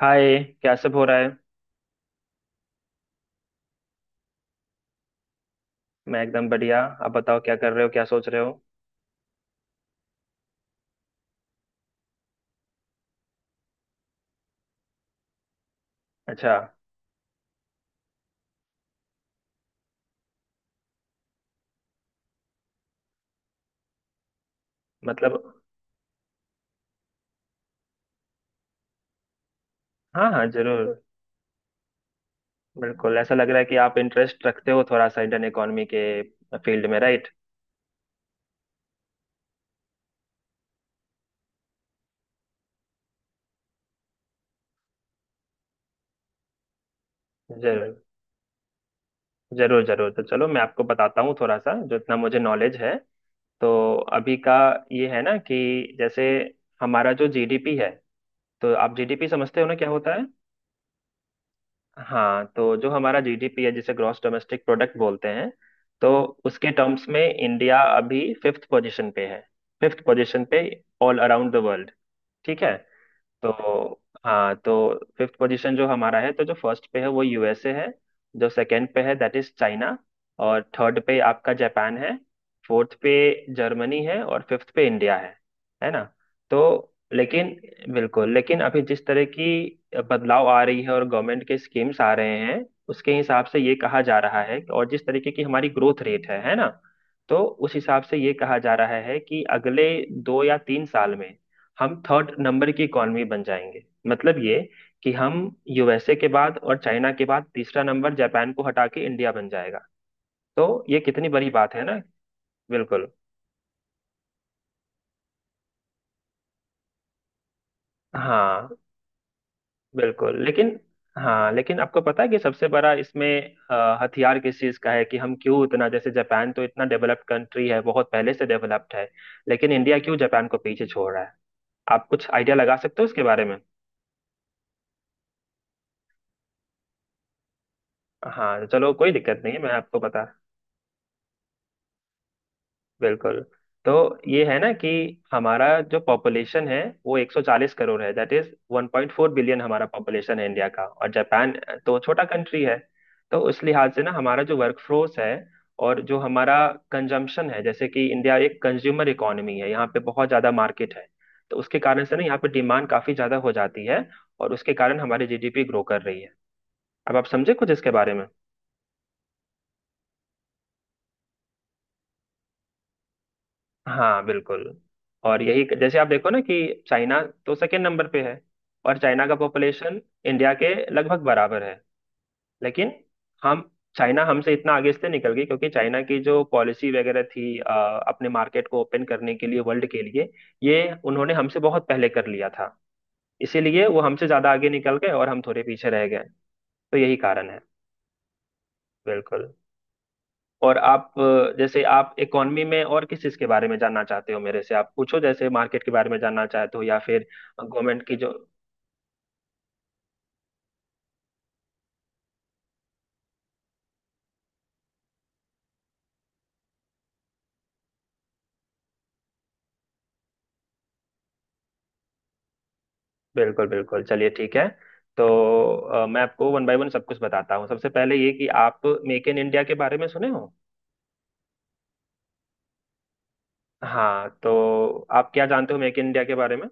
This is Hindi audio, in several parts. हाय। क्या सब हो रहा है? मैं एकदम बढ़िया। आप बताओ क्या कर रहे हो, क्या सोच रहे हो? अच्छा। मतलब। हाँ हाँ, जरूर। बिल्कुल, ऐसा लग रहा है कि आप इंटरेस्ट रखते हो थोड़ा सा इंडियन इकोनॉमी के फील्ड में, राइट? जरूर जरूर जरूर, तो चलो मैं आपको बताता हूँ थोड़ा सा जो इतना मुझे नॉलेज है। तो अभी का ये है ना कि जैसे हमारा जो जीडीपी है। तो आप जीडीपी समझते हो ना क्या होता है? हाँ, तो जो हमारा जीडीपी है जिसे ग्रॉस डोमेस्टिक प्रोडक्ट बोलते हैं, तो उसके टर्म्स में इंडिया अभी फिफ्थ पोजीशन पे है। फिफ्थ पोजीशन पे, ऑल अराउंड द वर्ल्ड। ठीक है? तो हाँ, तो फिफ्थ पोजीशन जो हमारा है, तो जो फर्स्ट पे है वो यूएसए है। जो सेकंड पे है, दैट इज चाइना। और थर्ड पे आपका जापान है। फोर्थ पे जर्मनी है, और फिफ्थ पे इंडिया है। है ना? तो लेकिन, बिल्कुल, लेकिन अभी जिस तरह की बदलाव आ रही है और गवर्नमेंट के स्कीम्स आ रहे हैं उसके हिसाब से ये कहा जा रहा है, और जिस तरीके की हमारी ग्रोथ रेट है ना? तो उस हिसाब से ये कहा जा रहा है कि अगले दो या तीन साल में हम थर्ड नंबर की इकोनॉमी बन जाएंगे। मतलब ये कि हम यूएसए के बाद और चाइना के बाद तीसरा नंबर जापान को हटा के इंडिया बन जाएगा। तो ये कितनी बड़ी बात है ना। बिल्कुल। हाँ, बिल्कुल, लेकिन हाँ, लेकिन आपको पता है कि सबसे बड़ा इसमें हथियार किस चीज़ का है कि हम क्यों इतना जैसे जापान तो इतना डेवलप्ड कंट्री है, बहुत पहले से डेवलप्ड है, लेकिन इंडिया क्यों जापान को पीछे छोड़ रहा है? आप कुछ आइडिया लगा सकते हो इसके बारे में? हाँ चलो, कोई दिक्कत नहीं है, मैं आपको बता। बिल्कुल। तो ये है ना कि हमारा जो पॉपुलेशन है वो 140 करोड़ है, दैट इज 1.4 बिलियन हमारा पॉपुलेशन है इंडिया का, और जापान तो छोटा कंट्री है। तो उस लिहाज से ना हमारा जो वर्कफोर्स है, और जो हमारा कंजम्पशन है, जैसे कि इंडिया एक कंज्यूमर इकोनॉमी है, यहाँ पे बहुत ज्यादा मार्केट है। तो उसके कारण से ना यहाँ पे डिमांड काफी ज्यादा हो जाती है, और उसके कारण हमारी जीडीपी ग्रो कर रही है। अब आप समझे कुछ इसके बारे में? हाँ बिल्कुल। और यही जैसे आप देखो ना कि चाइना तो सेकेंड नंबर पे है, और चाइना का पॉपुलेशन इंडिया के लगभग बराबर है। लेकिन हम चाइना हमसे इतना आगे इसलिए निकल गई, क्योंकि चाइना की जो पॉलिसी वगैरह थी अपने मार्केट को ओपन करने के लिए वर्ल्ड के लिए, ये उन्होंने हमसे बहुत पहले कर लिया था। इसीलिए वो हमसे ज्यादा आगे निकल गए और हम थोड़े पीछे रह गए। तो यही कारण है। बिल्कुल। और आप जैसे आप इकोनॉमी में और किस चीज के बारे में जानना चाहते हो, मेरे से आप पूछो, जैसे मार्केट के बारे में जानना चाहते हो या फिर गवर्नमेंट की जो। बिल्कुल बिल्कुल, चलिए ठीक है। तो मैं आपको वन बाय वन सब कुछ बताता हूँ। सबसे पहले ये कि आप मेक इन इंडिया के बारे में सुने हो। हाँ, तो आप क्या जानते हो मेक इन इंडिया के बारे में?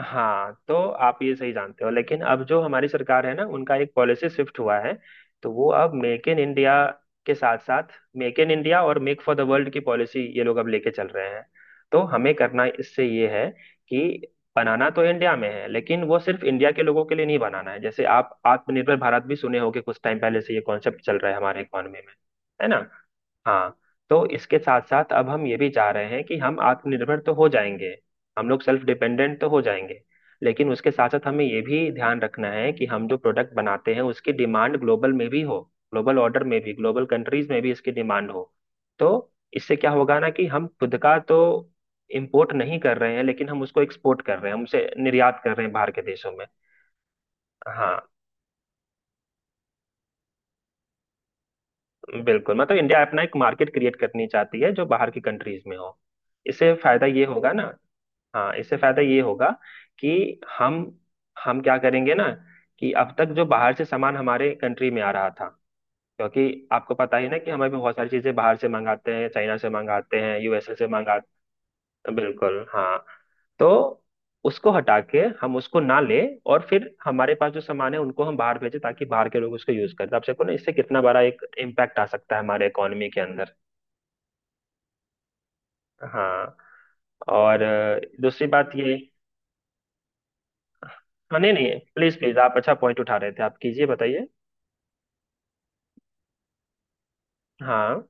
हाँ तो आप ये सही जानते हो, लेकिन अब जो हमारी सरकार है ना, उनका एक पॉलिसी शिफ्ट हुआ है। तो वो अब मेक इन इंडिया के साथ साथ मेक इन इंडिया और मेक फॉर द वर्ल्ड की पॉलिसी ये लोग अब लेके चल रहे हैं। तो हमें करना इससे ये है कि बनाना तो इंडिया में है, लेकिन वो सिर्फ इंडिया के लोगों के लिए नहीं बनाना है। जैसे आप आत्मनिर्भर भारत भी सुने होंगे, कुछ टाइम पहले से ये कॉन्सेप्ट चल रहा है हमारे इकोनॉमी में, है ना? हाँ। तो इसके साथ साथ अब हम ये भी चाह रहे हैं कि हम आत्मनिर्भर तो हो जाएंगे, हम लोग सेल्फ डिपेंडेंट तो हो जाएंगे, लेकिन उसके साथ साथ हमें ये भी ध्यान रखना है कि हम जो प्रोडक्ट बनाते हैं उसकी डिमांड ग्लोबल में भी हो, ग्लोबल ऑर्डर में भी, ग्लोबल कंट्रीज में भी इसकी डिमांड हो। तो इससे क्या होगा ना कि हम खुद का तो इम्पोर्ट नहीं कर रहे हैं, लेकिन हम उसको एक्सपोर्ट कर रहे हैं, हम उसे निर्यात कर रहे हैं बाहर के देशों में। हाँ बिल्कुल, मतलब इंडिया अपना एक मार्केट क्रिएट करनी चाहती है जो बाहर की कंट्रीज में हो। इससे फायदा ये होगा ना। हाँ, इससे फायदा ये होगा कि हम क्या करेंगे ना कि अब तक जो बाहर से सामान हमारे कंट्री में आ रहा था, क्योंकि आपको पता ही ना कि हमें भी बहुत सारी चीजें बाहर से मंगाते हैं, चाइना से मंगाते हैं, यूएसए से मंगा। बिल्कुल हाँ। तो उसको हटा के हम उसको ना ले, और फिर हमारे पास जो सामान है उनको हम बाहर भेजें ताकि बाहर के लोग उसको यूज करें। तो आप देखो ना इससे कितना बड़ा एक इम्पैक्ट आ सकता है हमारे इकोनॉमी के अंदर। हाँ, और दूसरी बात ये। हाँ नहीं नहीं, प्लीज प्लीज, आप अच्छा पॉइंट उठा रहे थे, आप कीजिए, बताइए। हाँ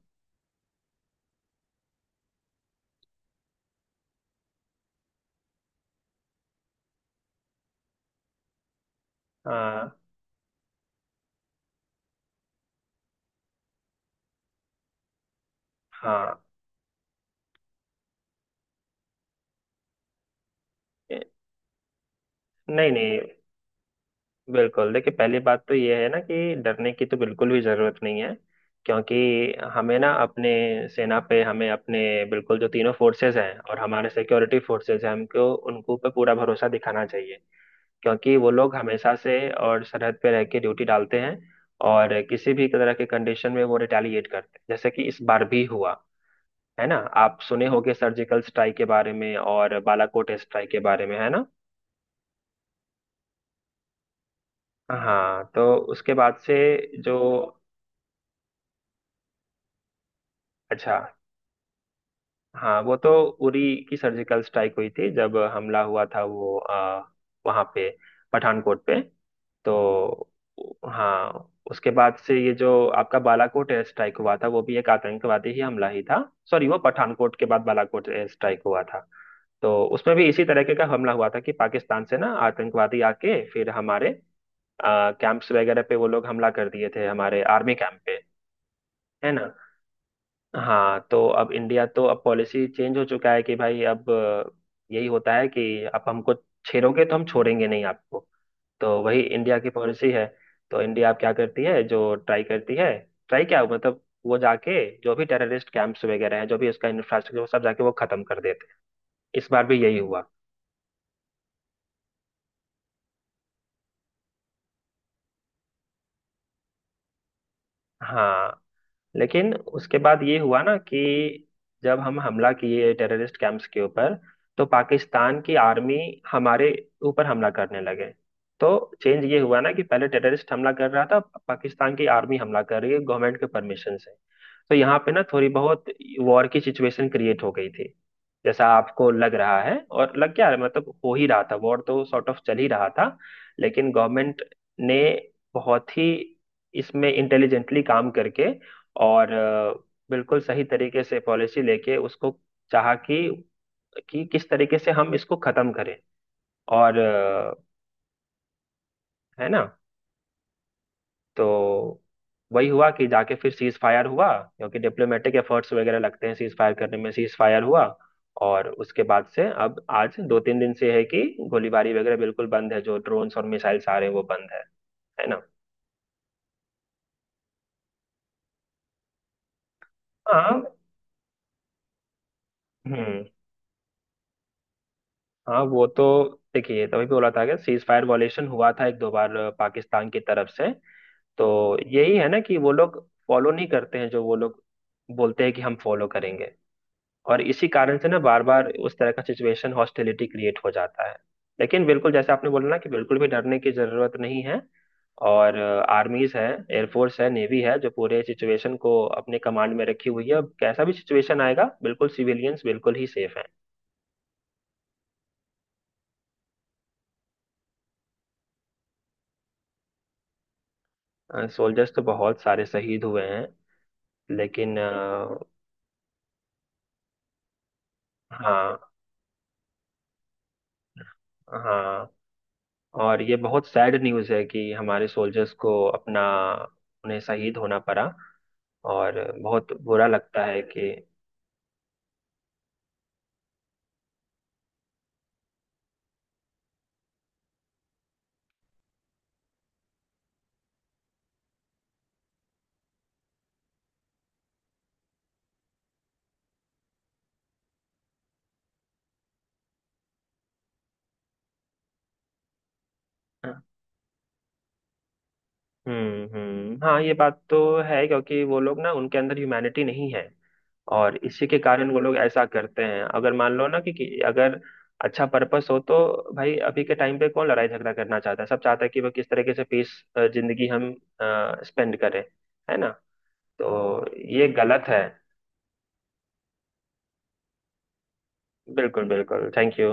हाँ हाँ। ए, नहीं नहीं। बिल्कुल, देखिए पहली बात तो ये है ना कि डरने की तो बिल्कुल भी जरूरत नहीं है, क्योंकि हमें ना अपने सेना पे हमें अपने बिल्कुल जो तीनों फोर्सेस हैं और हमारे सिक्योरिटी फोर्सेस हैं, हमको उनको पे पूरा भरोसा दिखाना चाहिए। क्योंकि वो लोग हमेशा से और सरहद पे रह के ड्यूटी डालते हैं, और किसी भी तरह के कंडीशन में वो रिटेलिएट करते हैं, जैसे कि इस बार भी हुआ, है ना? आप सुने होंगे सर्जिकल स्ट्राइक के बारे में, और बालाकोट स्ट्राइक के बारे में, है ना? हाँ, तो उसके बाद से जो। अच्छा। हाँ वो तो उरी की सर्जिकल स्ट्राइक हुई थी, जब हमला हुआ था वो वहां पे, पठानकोट पे। तो हाँ, उसके बाद से ये जो आपका बालाकोट एयर स्ट्राइक हुआ था वो भी एक आतंकवादी ही हमला ही था। सॉरी, वो पठानकोट के बाद बालाकोट एयर स्ट्राइक हुआ था। तो उसमें भी इसी तरीके का हमला हुआ था कि पाकिस्तान से ना आतंकवादी आके फिर हमारे कैंप्स वगैरह पे वो लोग हमला कर दिए थे, हमारे आर्मी कैंप पे, है ना? हाँ, तो अब इंडिया तो अब पॉलिसी चेंज हो चुका है कि भाई, अब यही होता है कि आप हमको छेड़ोगे तो हम छोड़ेंगे नहीं आपको। तो वही इंडिया की पॉलिसी है। तो इंडिया अब क्या करती है जो ट्राई करती है, ट्राई क्या मतलब वो जाके जो भी टेररिस्ट कैंप्स वगैरह हैं, जो भी उसका इंफ्रास्ट्रक्चर, वो सब जाके वो खत्म कर देते हैं। इस बार भी यही हुआ। हाँ, लेकिन उसके बाद ये हुआ ना कि जब हम हमला किए टेररिस्ट कैंप्स के ऊपर, तो पाकिस्तान की आर्मी हमारे ऊपर हमला करने लगे। तो चेंज ये हुआ ना कि पहले टेररिस्ट हमला कर रहा था, पाकिस्तान की आर्मी हमला कर रही है गवर्नमेंट के परमिशन से। तो यहाँ पे ना थोड़ी बहुत वॉर की सिचुएशन क्रिएट हो गई थी, जैसा आपको लग रहा है, और लग क्या रहा है, मतलब हो ही रहा था, वॉर तो सॉर्ट ऑफ चल ही रहा था। लेकिन गवर्नमेंट ने बहुत ही इसमें इंटेलिजेंटली काम करके, और बिल्कुल सही तरीके से पॉलिसी लेके उसको चाहा कि किस तरीके से हम इसको खत्म करें, और है ना? तो वही हुआ कि जाके फिर सीज फायर हुआ, क्योंकि डिप्लोमेटिक एफर्ट्स वगैरह लगते हैं सीज फायर करने में, सीज फायर हुआ, और उसके बाद से अब आज दो तीन दिन से है कि गोलीबारी वगैरह बिल्कुल बंद है, जो ड्रोन्स और मिसाइल्स आ रहे हैं वो बंद है ना? हाँ। हम्म। हाँ वो तो, देखिए, तभी बोला था कि सीज फायर वॉलेशन हुआ था एक दो बार पाकिस्तान की तरफ से। तो यही है ना कि वो लोग फॉलो नहीं करते हैं, जो वो लोग बोलते हैं कि हम फॉलो करेंगे। और इसी कारण से ना बार बार उस तरह का सिचुएशन हॉस्टिलिटी क्रिएट हो जाता है। लेकिन बिल्कुल, जैसे आपने बोला ना कि बिल्कुल भी डरने की जरूरत नहीं है, और आर्मीज है, एयरफोर्स है, नेवी है जो पूरे सिचुएशन को अपने कमांड में रखी हुई है, अब कैसा भी सिचुएशन आएगा बिल्कुल सिविलियंस बिल्कुल ही सेफ हैं। सोल्जर्स तो बहुत सारे शहीद हुए हैं, लेकिन। हाँ हाँ। और ये बहुत सैड न्यूज़ है कि हमारे सोल्जर्स को अपना उन्हें शहीद होना पड़ा, और बहुत बुरा लगता है कि। हम्म, हाँ, ये बात तो है, क्योंकि वो लोग ना उनके अंदर ह्यूमैनिटी नहीं है, और इसी के कारण वो लोग ऐसा करते हैं। अगर मान लो ना कि अगर अच्छा पर्पस हो, तो भाई अभी के टाइम पे कौन लड़ाई झगड़ा करना चाहता है, सब चाहता है कि वो किस तरीके से पीस जिंदगी हम स्पेंड करें, है ना? तो ये गलत है। बिल्कुल बिल्कुल, थैंक यू।